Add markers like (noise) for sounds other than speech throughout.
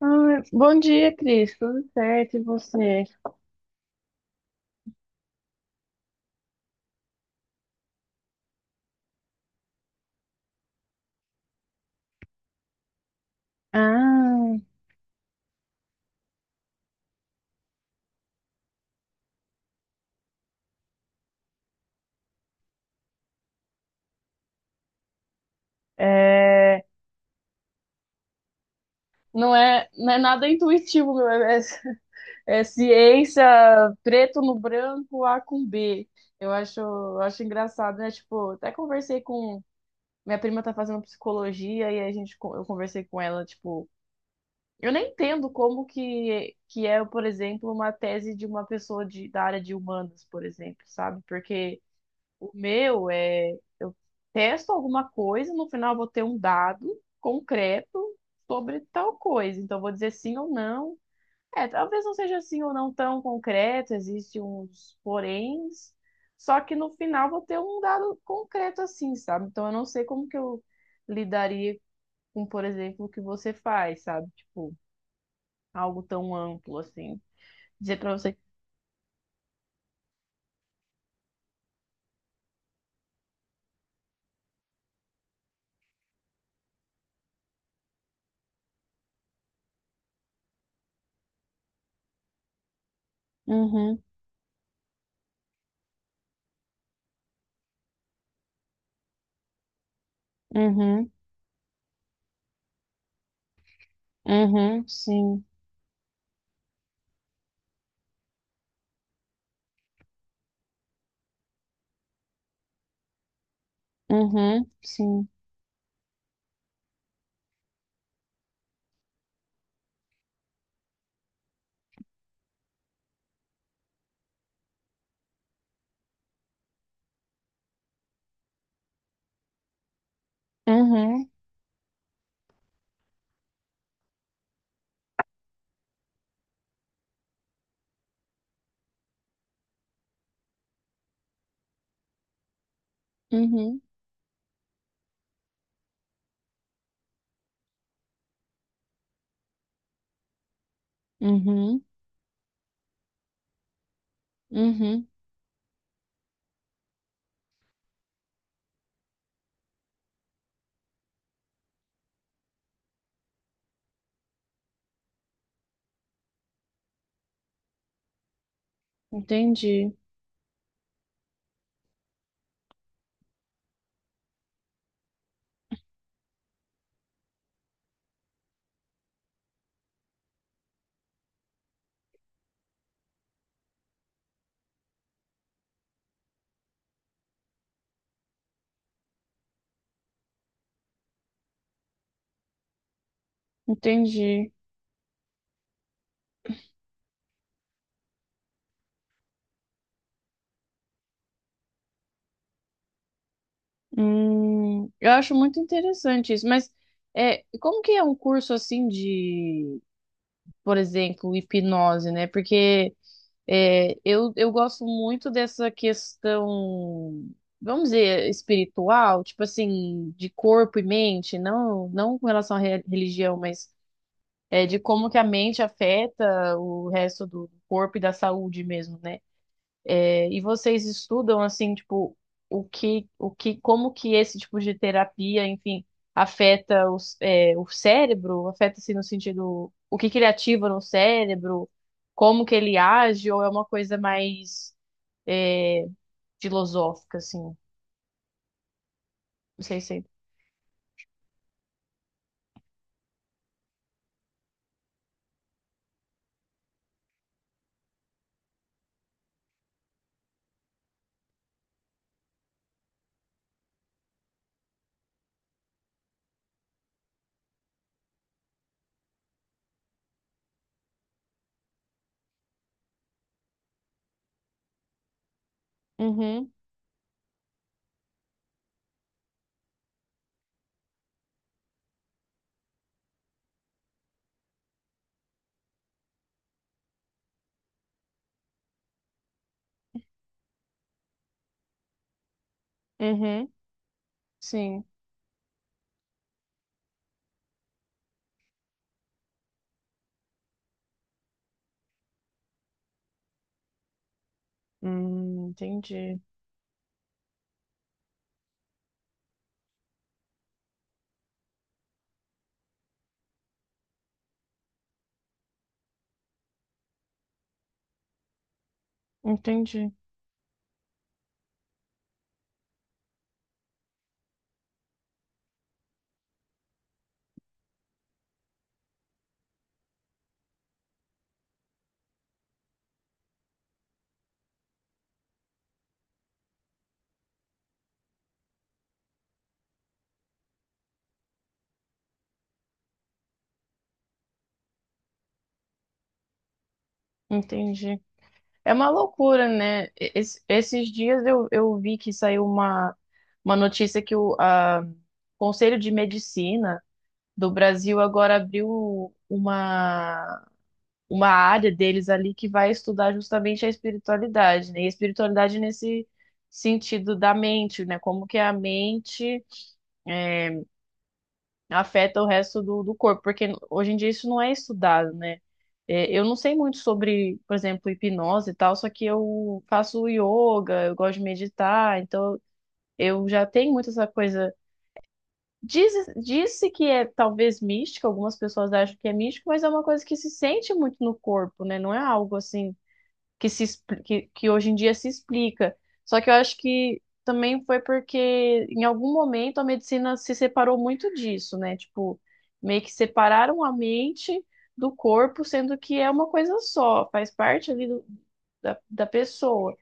Ah, bom dia, Cris. Tudo certo? E você? Ah, é, não é nada intuitivo, meu. É, é ciência preto no branco, A com B. Eu acho engraçado, né? Tipo, até conversei com. Minha prima tá fazendo psicologia e eu conversei com ela, tipo. Eu nem entendo como que é, por exemplo, uma tese de uma pessoa da área de humanas, por exemplo, sabe? Porque. O meu é, eu testo alguma coisa, no final eu vou ter um dado concreto sobre tal coisa. Então, eu vou dizer sim ou não. É, talvez não seja assim ou não tão concreto, existe uns poréns, só que no final vou ter um dado concreto assim, sabe? Então, eu não sei como que eu lidaria com, por exemplo, o que você faz, sabe? Tipo, algo tão amplo assim. Dizer pra você. Uhum, uhum, uhum, sim, uhum, sim. Uhum, uhum, uhum, uhum. Entendi, entendi. Eu acho muito interessante isso, mas é, como que é um curso assim de, por exemplo, hipnose, né? Porque é, eu gosto muito dessa questão, vamos dizer, espiritual, tipo assim, de corpo e mente, não, não com relação à religião, mas é, de como que a mente afeta o resto do corpo e da saúde mesmo, né? É, e vocês estudam assim, tipo, o que, como que esse tipo de terapia, enfim, afeta o cérebro? Afeta-se no sentido, o que que ele ativa no cérebro? Como que ele age? Ou é uma coisa mais é, filosófica, assim? Não sei se. Uhum, uhum, sim. Entendi, entendi, entendi. É uma loucura, né? Esses dias eu vi que saiu uma notícia que o a Conselho de Medicina do Brasil agora abriu uma área deles ali que vai estudar justamente a espiritualidade, né? E a espiritualidade nesse sentido da mente, né? Como que a mente é, afeta o resto do corpo, porque hoje em dia isso não é estudado, né? É, eu não sei muito sobre, por exemplo, hipnose e tal, só que eu faço yoga, eu gosto de meditar, então eu já tenho muito essa coisa. Disse que é talvez mística, algumas pessoas acham que é místico, mas é uma coisa que se sente muito no corpo, né? Não é algo assim que se expli- que hoje em dia se explica. Só que eu acho que também foi porque em algum momento a medicina se separou muito disso, né? Tipo, meio que separaram a mente do corpo, sendo que é uma coisa só, faz parte ali da pessoa.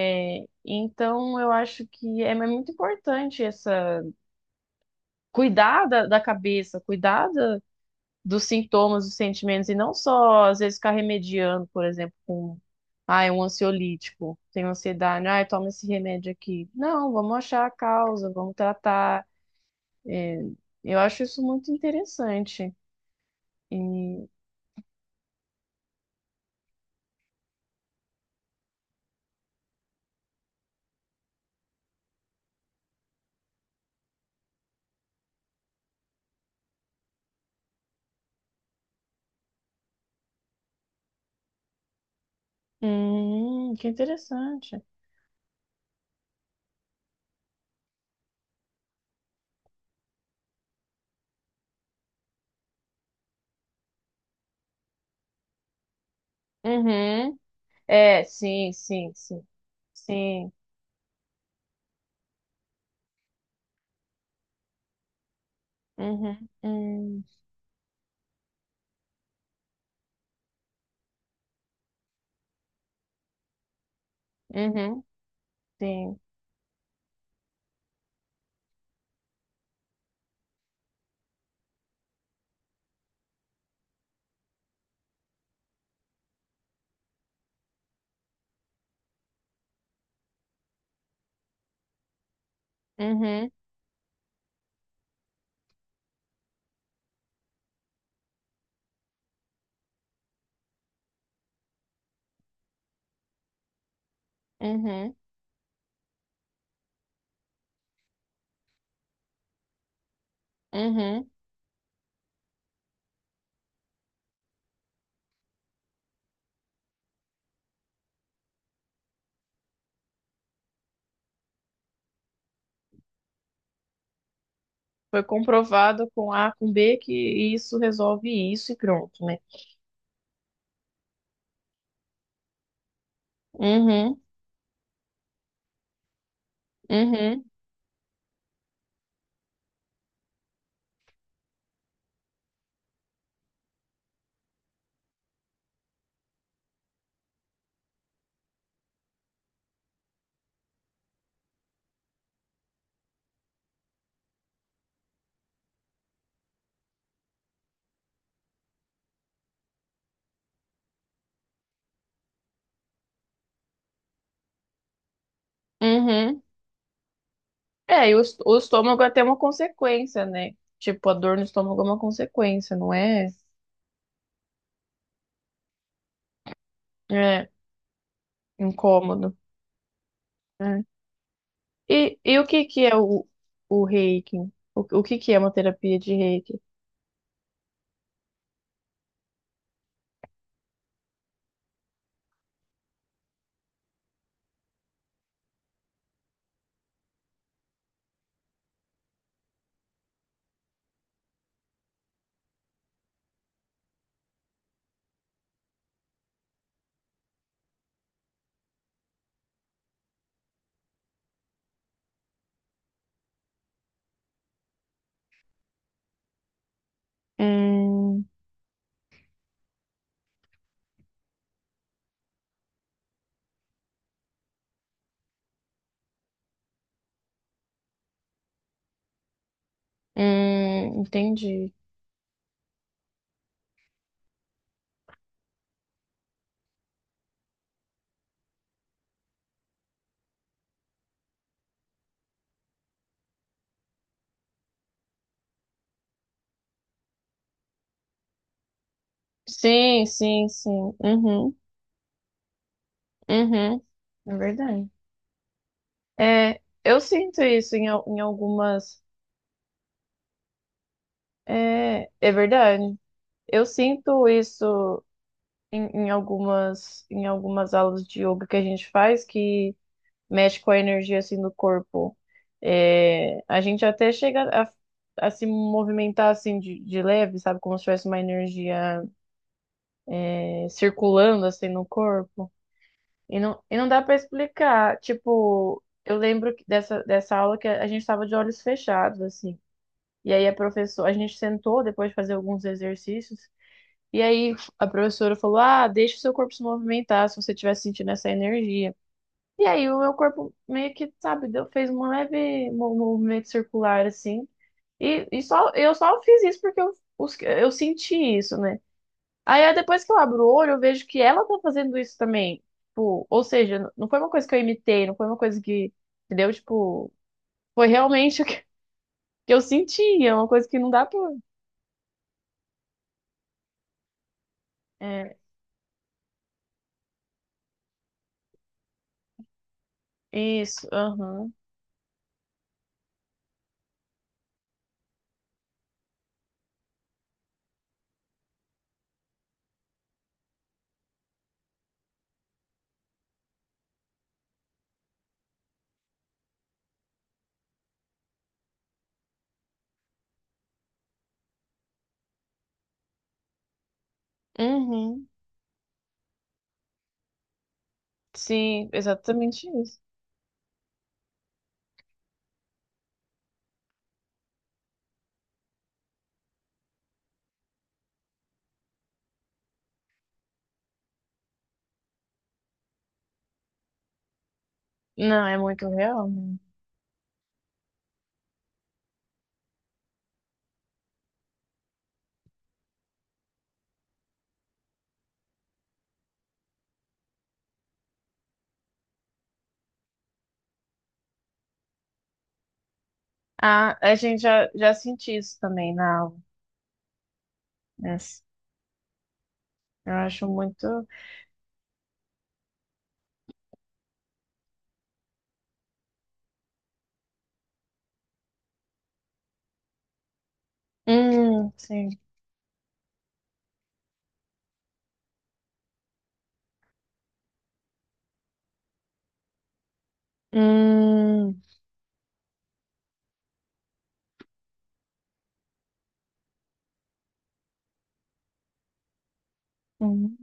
É, então, eu acho que é muito importante essa cuidar da cabeça, cuidar dos sintomas, dos sentimentos, e não só, às vezes, ficar remediando, por exemplo, com, ah, é um ansiolítico, tem ansiedade, ah, toma esse remédio aqui. Não, vamos achar a causa, vamos tratar. É, eu acho isso muito interessante. E, que interessante. Uhum. É, sim, sim, sim. Sim. Uhum. Uhum. Uhum. Sim. Uhum. Uhum. Uhum. Foi comprovado com A, com B, que isso resolve isso e pronto, né? Uhum, uhum, uhum. É, e o estômago é até uma consequência, né? Tipo, a dor no estômago é uma consequência, não é? É, incômodo, né? E o que que é o reiki? O que que é uma terapia de reiki? Hum, entendi. Sim, sim, sim. Uhum, uhum. É verdade. É, eu sinto isso em algumas. É, é verdade. Eu sinto isso em algumas aulas de yoga que a gente faz que mexe com a energia assim do corpo. É, a gente até chega a se movimentar assim de leve, sabe, como se tivesse uma energia é, circulando assim no corpo. E não dá para explicar. Tipo, eu lembro que dessa aula que a gente estava de olhos fechados assim. E aí a professora, a gente sentou depois de fazer alguns exercícios. E aí a professora falou: Ah, deixa o seu corpo se movimentar se você estiver sentindo essa energia. E aí o meu corpo meio que, sabe, fez um leve movimento circular assim. E só eu só fiz isso porque eu senti isso, né? Aí, depois que eu abro o olho, eu vejo que ela tá fazendo isso também. Tipo, ou seja, não foi uma coisa que eu imitei, não foi uma coisa que, entendeu? Tipo, foi realmente (laughs) o que que eu senti, é uma coisa que não dá pra. É, isso, aham. Uhum. Sim, exatamente isso. Não, é muito real, né? Ah, a gente já senti isso também na aula, né? Eu acho muito. Sim. Hum, hum,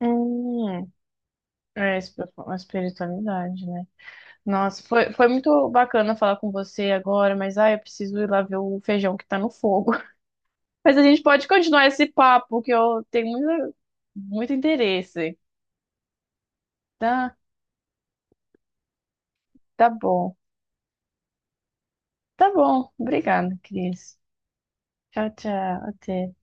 hum. É uma espiritualidade, né? Nossa, foi muito bacana falar com você agora, mas ai, eu preciso ir lá ver o feijão que tá no fogo. (laughs) Mas a gente pode continuar esse papo, que eu tenho muito, muito interesse. Tá, tá bom. Tá bom. Obrigada, Cris. Tchau, tchau. Até.